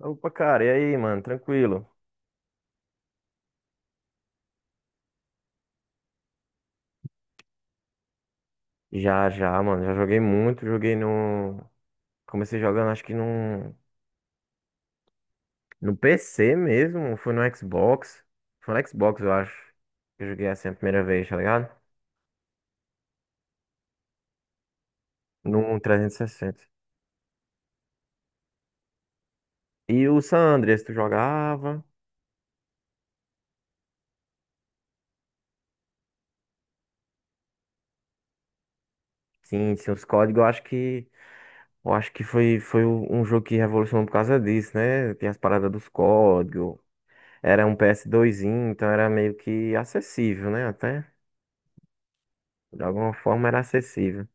Opa, cara, e aí, mano? Tranquilo? Já, já, mano. Já joguei muito. Joguei no. Comecei jogando, acho que no. No PC mesmo. Foi no Xbox. Foi no Xbox, eu acho. Que Eu joguei assim a primeira vez, tá ligado? No trezentos E sessenta e o San Andreas, tu jogava? Sim, sim, os códigos. Eu acho que. Eu acho que foi, foi um jogo que revolucionou por causa disso, né? Tem as paradas dos códigos. Era um PS2zinho, então era meio que acessível, né? Até. De alguma forma era acessível.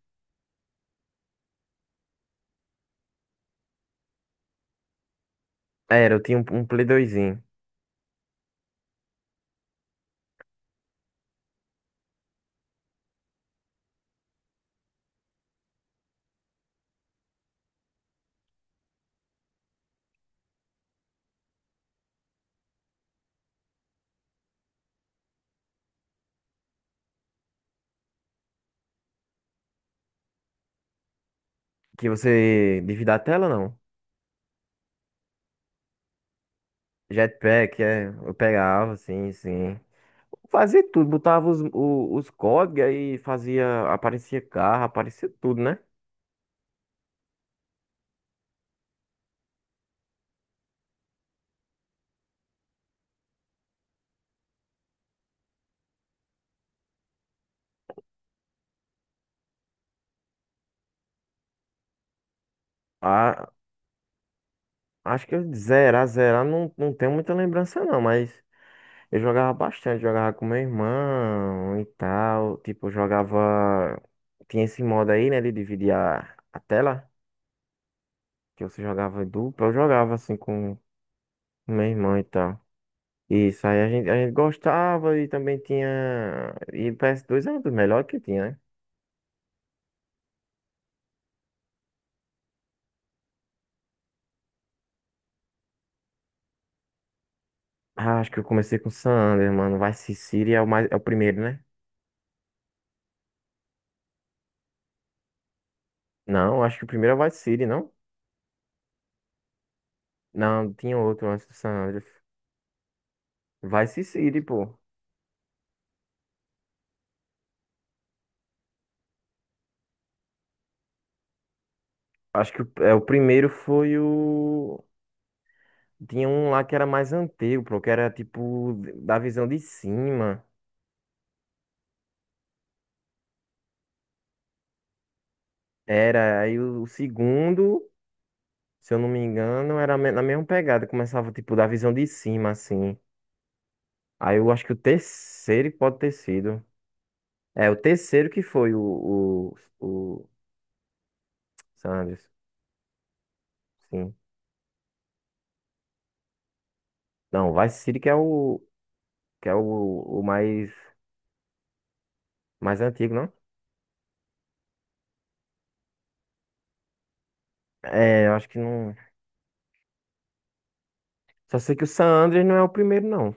Era, eu tinha um Play 2. Que você divida a tela, não? Jetpack, é. Eu pegava, sim, sim. Fazia tudo, botava os códigos aí, fazia. Aparecia carro, aparecia tudo, né? Ah, acho que eu zerar, zerar, não, não tenho muita lembrança, não, mas eu jogava bastante, jogava com meu irmão e tal. Tipo, eu jogava. Tinha esse modo aí, né, de dividir a tela, que você jogava em dupla. Eu jogava assim com meu irmão e tal. Isso, aí a gente gostava e também tinha. E ps dois era um dos melhores que tinha, né? Ah, acho que eu comecei com San Andreas, mano. Vice City é o, mais, é o primeiro, né? Não, acho que o primeiro é o Vice City, não? Não, tinha outro antes do San Andreas. Vice City, pô. Acho que o, é, o primeiro foi o. Tinha um lá que era mais antigo, pô, que era tipo da visão de cima. Era, o segundo, se eu não me engano, na mesma pegada. Começava tipo da visão de cima, assim. Aí eu acho que o terceiro que pode ter sido. É, o terceiro que foi o Sanders. Sim. Não, Vice City que é que é o, o mais, mais antigo, não? É, eu acho que não. Só sei que o San Andreas não é o primeiro, não.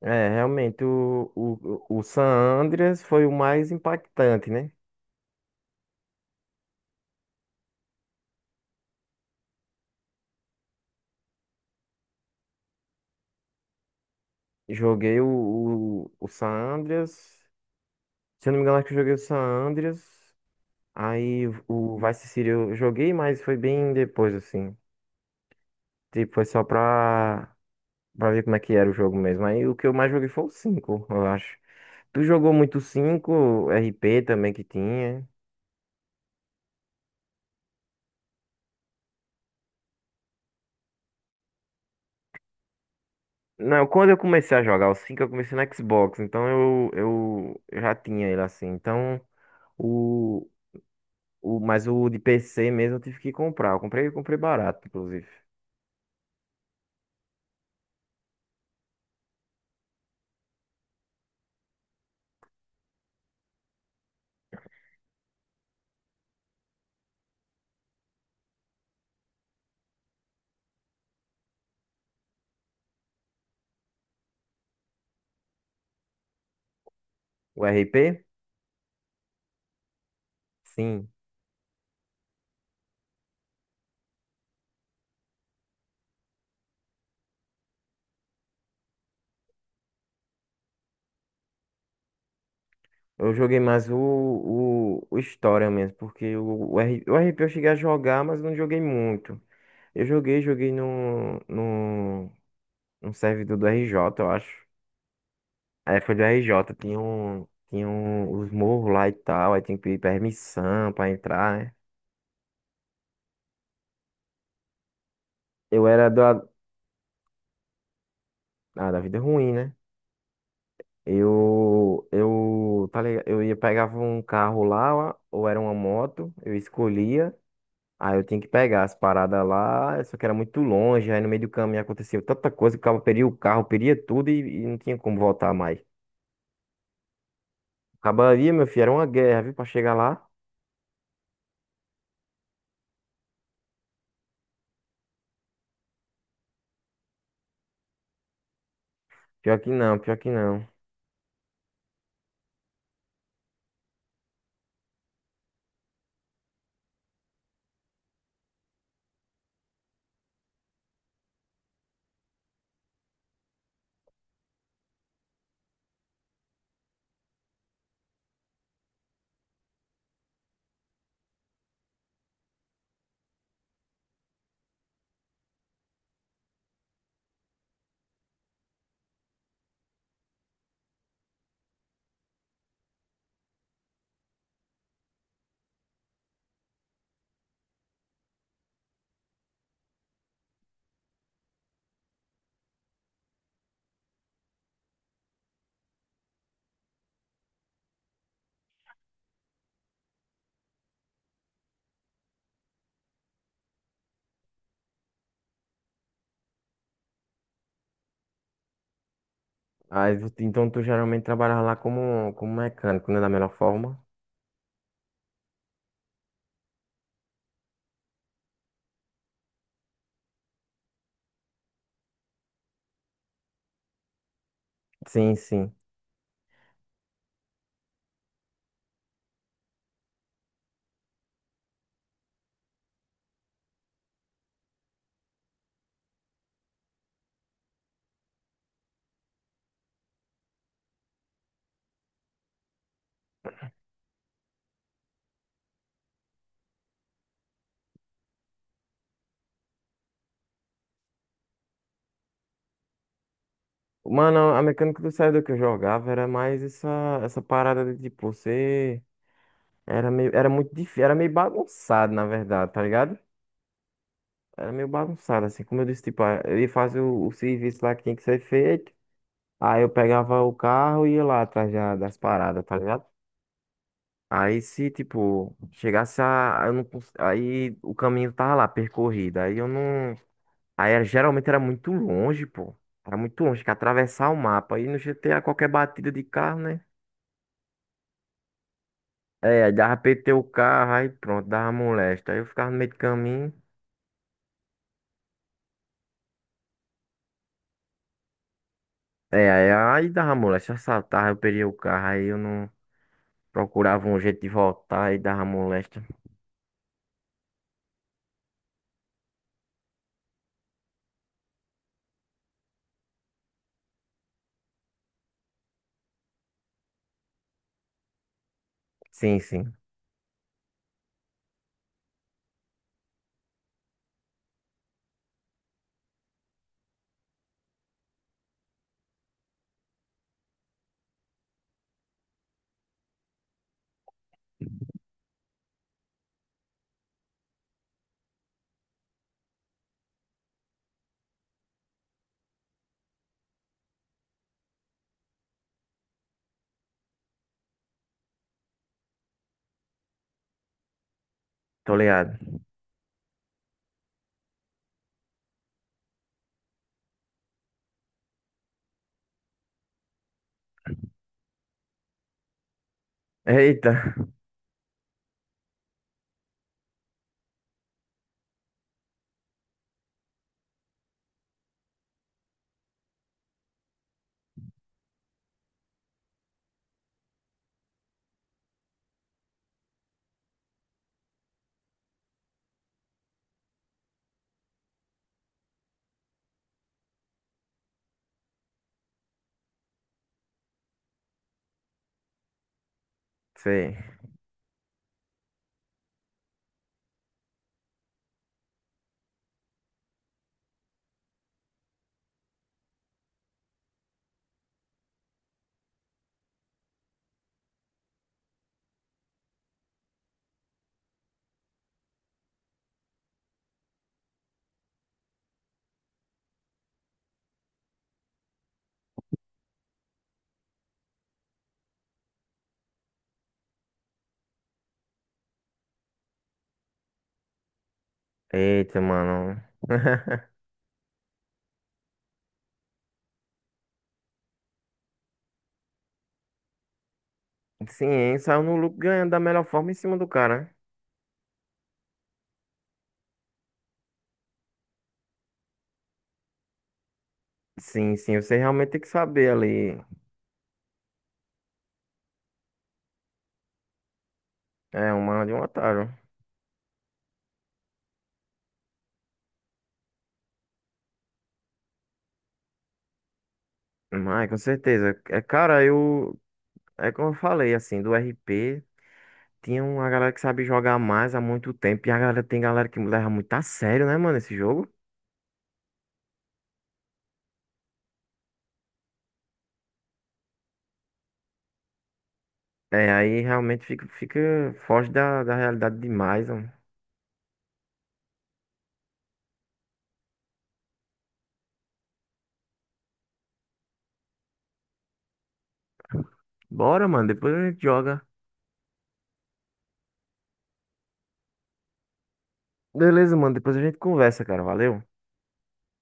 É, realmente, o San Andreas foi o mais impactante, né? Joguei o San Andreas. Se eu não me engano, acho que eu joguei o San Andreas. Aí o Vice City eu joguei, mas foi bem depois, assim. Tipo, foi só pra ver como é que era o jogo mesmo. Aí o que eu mais joguei foi o 5, eu acho. Tu jogou muito o 5, RP também que tinha. Não, quando eu comecei a jogar o 5 eu comecei no Xbox, então eu já tinha ele assim. Então, o, mas o de PC mesmo eu tive que comprar. Eu comprei barato, inclusive. O RP? Sim. Eu joguei mais o História mesmo, porque o RP eu cheguei a jogar, mas não joguei muito. Eu joguei, joguei no, no, num servidor do RJ, eu acho. Aí foi do RJ, tinha um, os morros lá e tal, aí tinha que pedir permissão pra entrar, né? Eu era ah, da vida ruim, né? Eu, tá ligado? Eu ia, pegava um carro lá, ou era uma moto, eu escolhia, aí eu tinha que pegar as paradas lá, só que era muito longe, aí no meio do caminho acontecia tanta coisa, que o cara peria o carro, peria tudo e não tinha como voltar mais. Acabaria, meu filho, era uma guerra, viu, pra chegar lá. Pior que não, pior que não. Aí, então tu geralmente trabalhava lá como, como mecânico, né? Da melhor forma. Sim, sim. Mano, a mecânica do servidor que eu jogava era mais essa, essa parada de tipo, você era meio, era muito difícil, era meio bagunçado, na verdade, tá ligado? Era meio bagunçado, assim, como eu disse, tipo, ah, eu ia fazer o serviço lá que tinha que ser feito. Aí eu pegava o carro e ia lá atrás das paradas, tá ligado? Aí se, tipo, chegasse a, eu não, cons- aí o caminho tava lá, percorrido. Aí eu não. Aí era- geralmente era muito longe, pô. Era muito longe, que atravessar o mapa. Aí no GTA qualquer batida de carro, né? É, aí dava PT o carro, aí pronto, dava molesta. Aí eu ficava no meio do caminho. É, aí dava molesta, assaltava, eu perdia o carro, aí eu não procurava um jeito de voltar, aí dava molesta. Sim, sim, tô ligado. Eita, sei. Eita, mano. Sim, hein? Saiu no lucro ganhando da melhor forma em cima do cara, né? Sim, sim, você realmente tem que saber ali. É, uma de um otário. Mas, com certeza. É, cara, eu. É como eu falei, assim, do RP, tinha uma galera que sabe jogar mais há muito tempo. E a galera tem galera que leva muito a sério, né, mano, esse jogo. É, aí realmente fica foge da realidade demais, mano. Bora, mano, depois a gente joga. Beleza, mano, depois a gente conversa, cara. Valeu.